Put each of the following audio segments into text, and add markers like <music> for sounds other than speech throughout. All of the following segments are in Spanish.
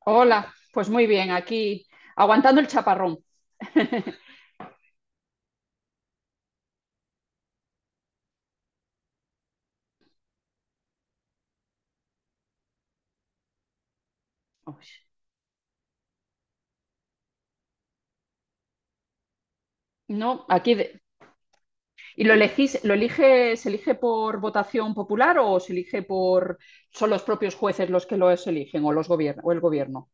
Hola, pues muy bien, aquí aguantando el chaparrón. <laughs> Uy, no, ¿y lo elegís, lo elige, se elige por votación popular, o se elige por son los propios jueces los que los eligen, o los gobierno o el gobierno?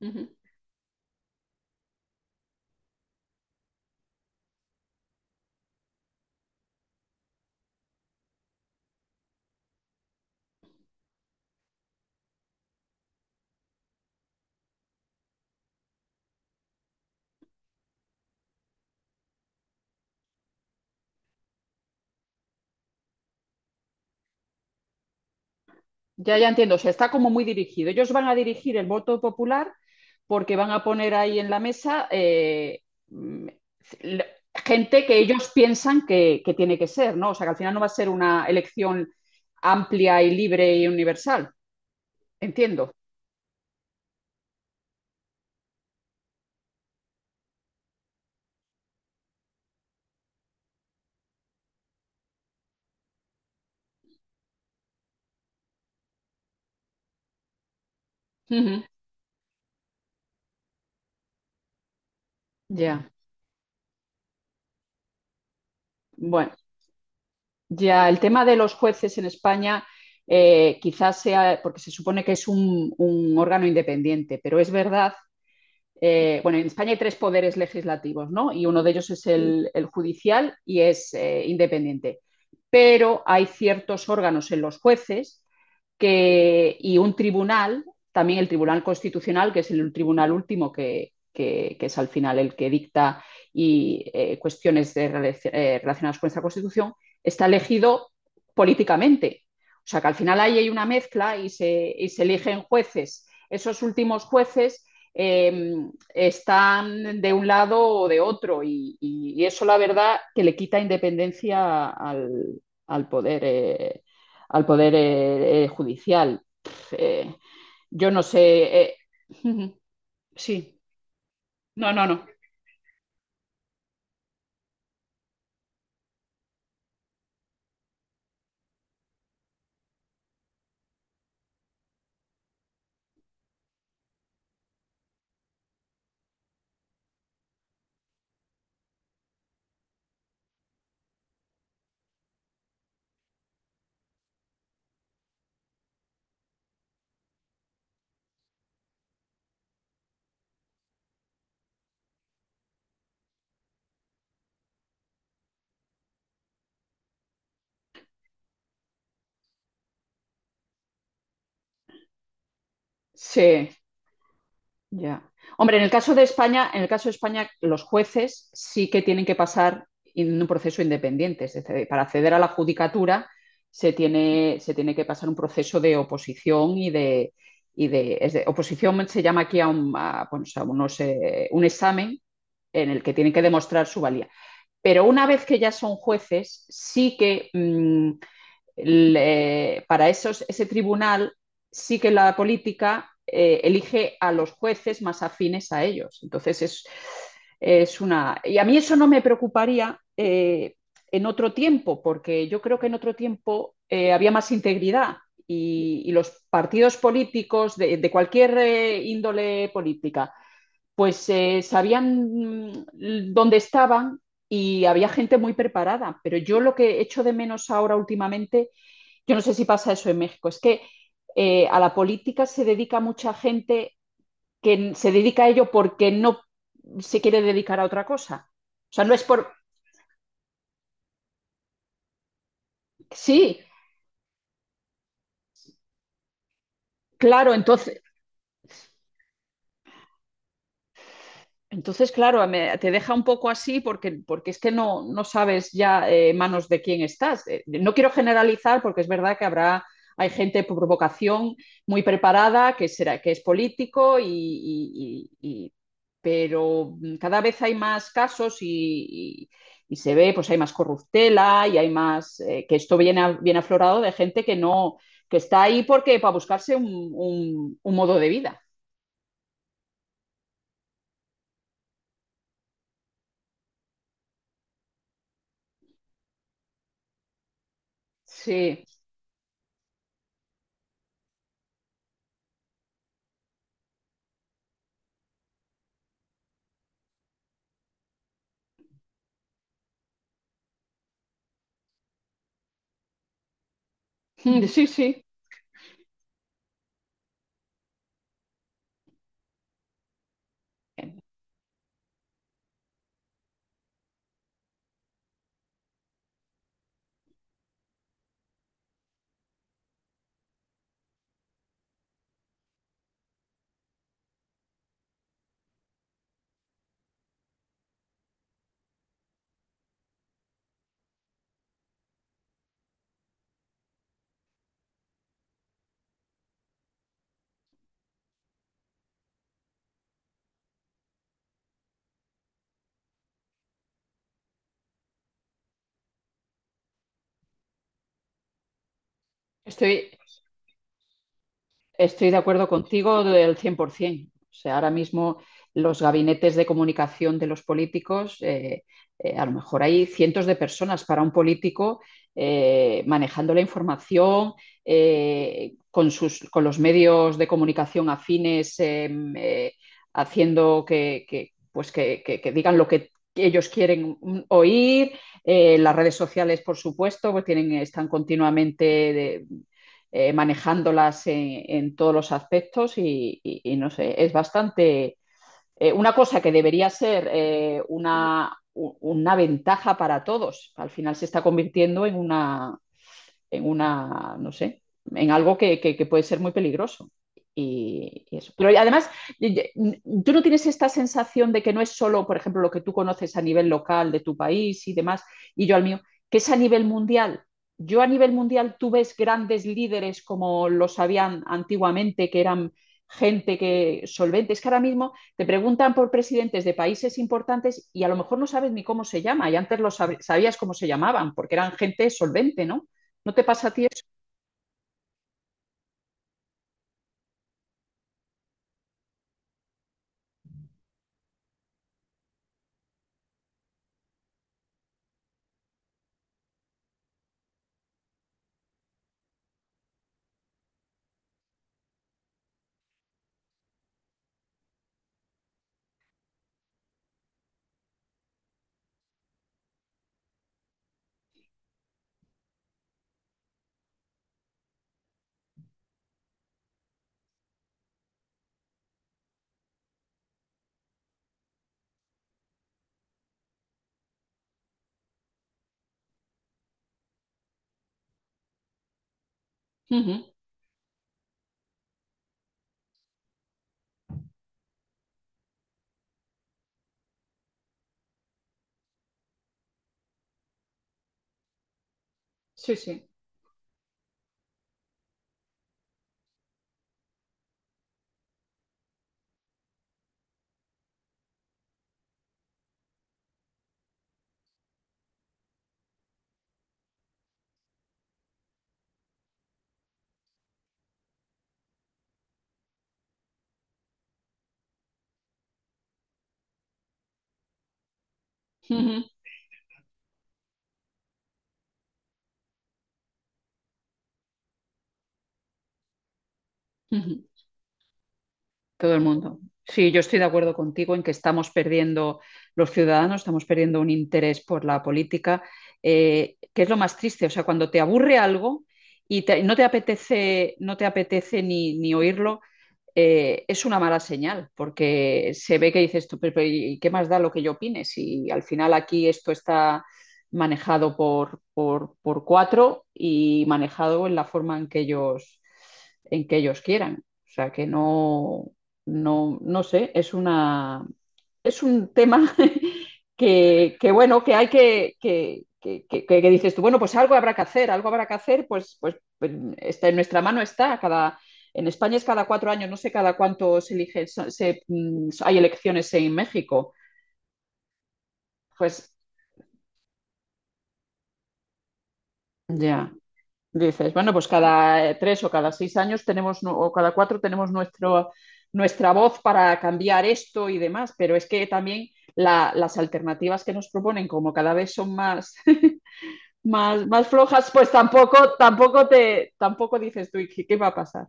Ujú. Ya, ya entiendo. O sea, está como muy dirigido. Ellos van a dirigir el voto popular, porque van a poner ahí en la mesa mm, l- gente que ellos piensan que tiene que ser, ¿no? O sea, que al final no va a ser una elección amplia y libre y universal. Entiendo. Ujú. Ya, bueno, ya el tema de los jueces en España quizás sea, porque se supone que es un órgano independiente, pero es verdad, bueno, en España hay tres poderes legislativos, ¿no? Y uno de ellos es, sí, el judicial, y es independiente. Pero hay ciertos órganos en los jueces, que, y un tribunal, también el Tribunal Constitucional, que es el tribunal último, que es al final el que dicta y cuestiones de, relacionadas con esta Constitución, está elegido políticamente. O sea que al final ahí hay una mezcla, y se eligen jueces. Esos últimos jueces eh, están de un lado o de otro, y eso la verdad que le quita independencia al, al poder eh, al poder judicial. Yo no sé. <laughs> Sí, no, no, no. Sí, ya. Hombre, en el caso de España, en el caso de España, los jueces sí que tienen que pasar en un proceso independiente. Es decir, para acceder a la judicatura se tiene que pasar un proceso de oposición es de oposición se llama aquí bueno, a unos, un examen en el que tienen que demostrar su valía. Pero una vez que ya son jueces, sí que para esos, ese tribunal, sí que la política elige a los jueces más afines a ellos. Entonces es una... Y a mí eso no me preocuparía en otro tiempo, porque yo creo que en otro tiempo había más integridad. Y los partidos políticos de cualquier índole política, pues sabían, dónde estaban, y había gente muy preparada. Pero yo lo que echo de menos ahora últimamente, yo no sé si pasa eso en México, es que a la política se dedica mucha gente que se dedica a ello porque no se quiere dedicar a otra cosa. O sea, no es por... Sí, claro, entonces. Entonces, claro, te deja un poco así, porque, es que no sabes ya en manos de quién estás. No quiero generalizar, porque es verdad que hay gente por vocación muy preparada, que es político, pero cada vez hay más casos, y se ve, pues hay más corruptela y hay más, que esto viene, viene aflorado de gente que no, que está ahí porque para buscarse un modo de vida. Sí, <laughs> Mm, sí, sí. Estoy... Estoy de acuerdo contigo del 100%. O sea, ahora mismo los gabinetes de comunicación de los políticos, a lo mejor hay cientos de personas para un político manejando la información con, con los medios de comunicación afines, eh, haciendo que, pues que digan lo que ellos quieren oír, las redes sociales, por supuesto, pues tienen, están continuamente de, manejándolas en todos los aspectos, y no sé, es bastante una cosa que debería ser una ventaja para todos. Al final se está convirtiendo en una, no sé, en algo que puede ser muy peligroso. Y eso. Pero además, y- y- tú no tienes esta sensación de que no es solo, por ejemplo, lo que tú conoces a nivel local de tu país y demás, y yo al mío, que es a nivel mundial. Yo a nivel mundial, tú ves grandes líderes como los habían antiguamente, que eran gente que solvente. Es que ahora mismo te preguntan por presidentes de países importantes y a lo mejor no sabes ni cómo se llama, y antes lo sabías cómo se llamaban, porque eran gente solvente, ¿no? ¿No te pasa a ti eso? Ujú. Sí, sí. Ujú, ujú. Todo el mundo. Sí, yo estoy de acuerdo contigo en que estamos perdiendo los ciudadanos, estamos perdiendo un interés por la política, que es lo más triste. O sea, cuando te aburre algo y no te apetece, no te apetece ni oírlo, es una mala señal, porque se ve que dices tú, pero, ¿y qué más da lo que yo opine? Si al final aquí esto está manejado por cuatro, y manejado en la forma en que ellos quieran. O sea que no, no sé, es un tema <laughs> que bueno, que hay que dices tú, bueno, pues algo habrá que hacer, algo habrá que hacer, pues está, en nuestra mano está, en España es cada cuatro años, no sé cada cuánto se elige, hay elecciones en México. Pues ya, dices, bueno, pues cada tres o cada seis años tenemos, o cada cuatro tenemos nuestra voz para cambiar esto y demás, pero es que también la, las alternativas que nos proponen, como cada vez son más, <laughs> más, más flojas, pues tampoco dices tú, ¿qué va a pasar?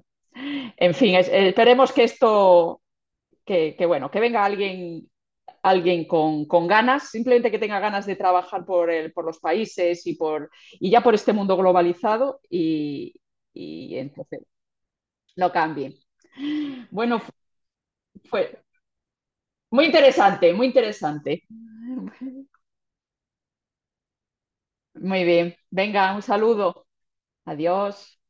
En fin, esperemos que esto, bueno, que venga alguien con, ganas, simplemente que tenga ganas de trabajar por los países, y, y ya por este mundo globalizado, y entonces no cambie. Bueno, fue muy interesante, muy interesante. Muy bien, venga, un saludo, adiós.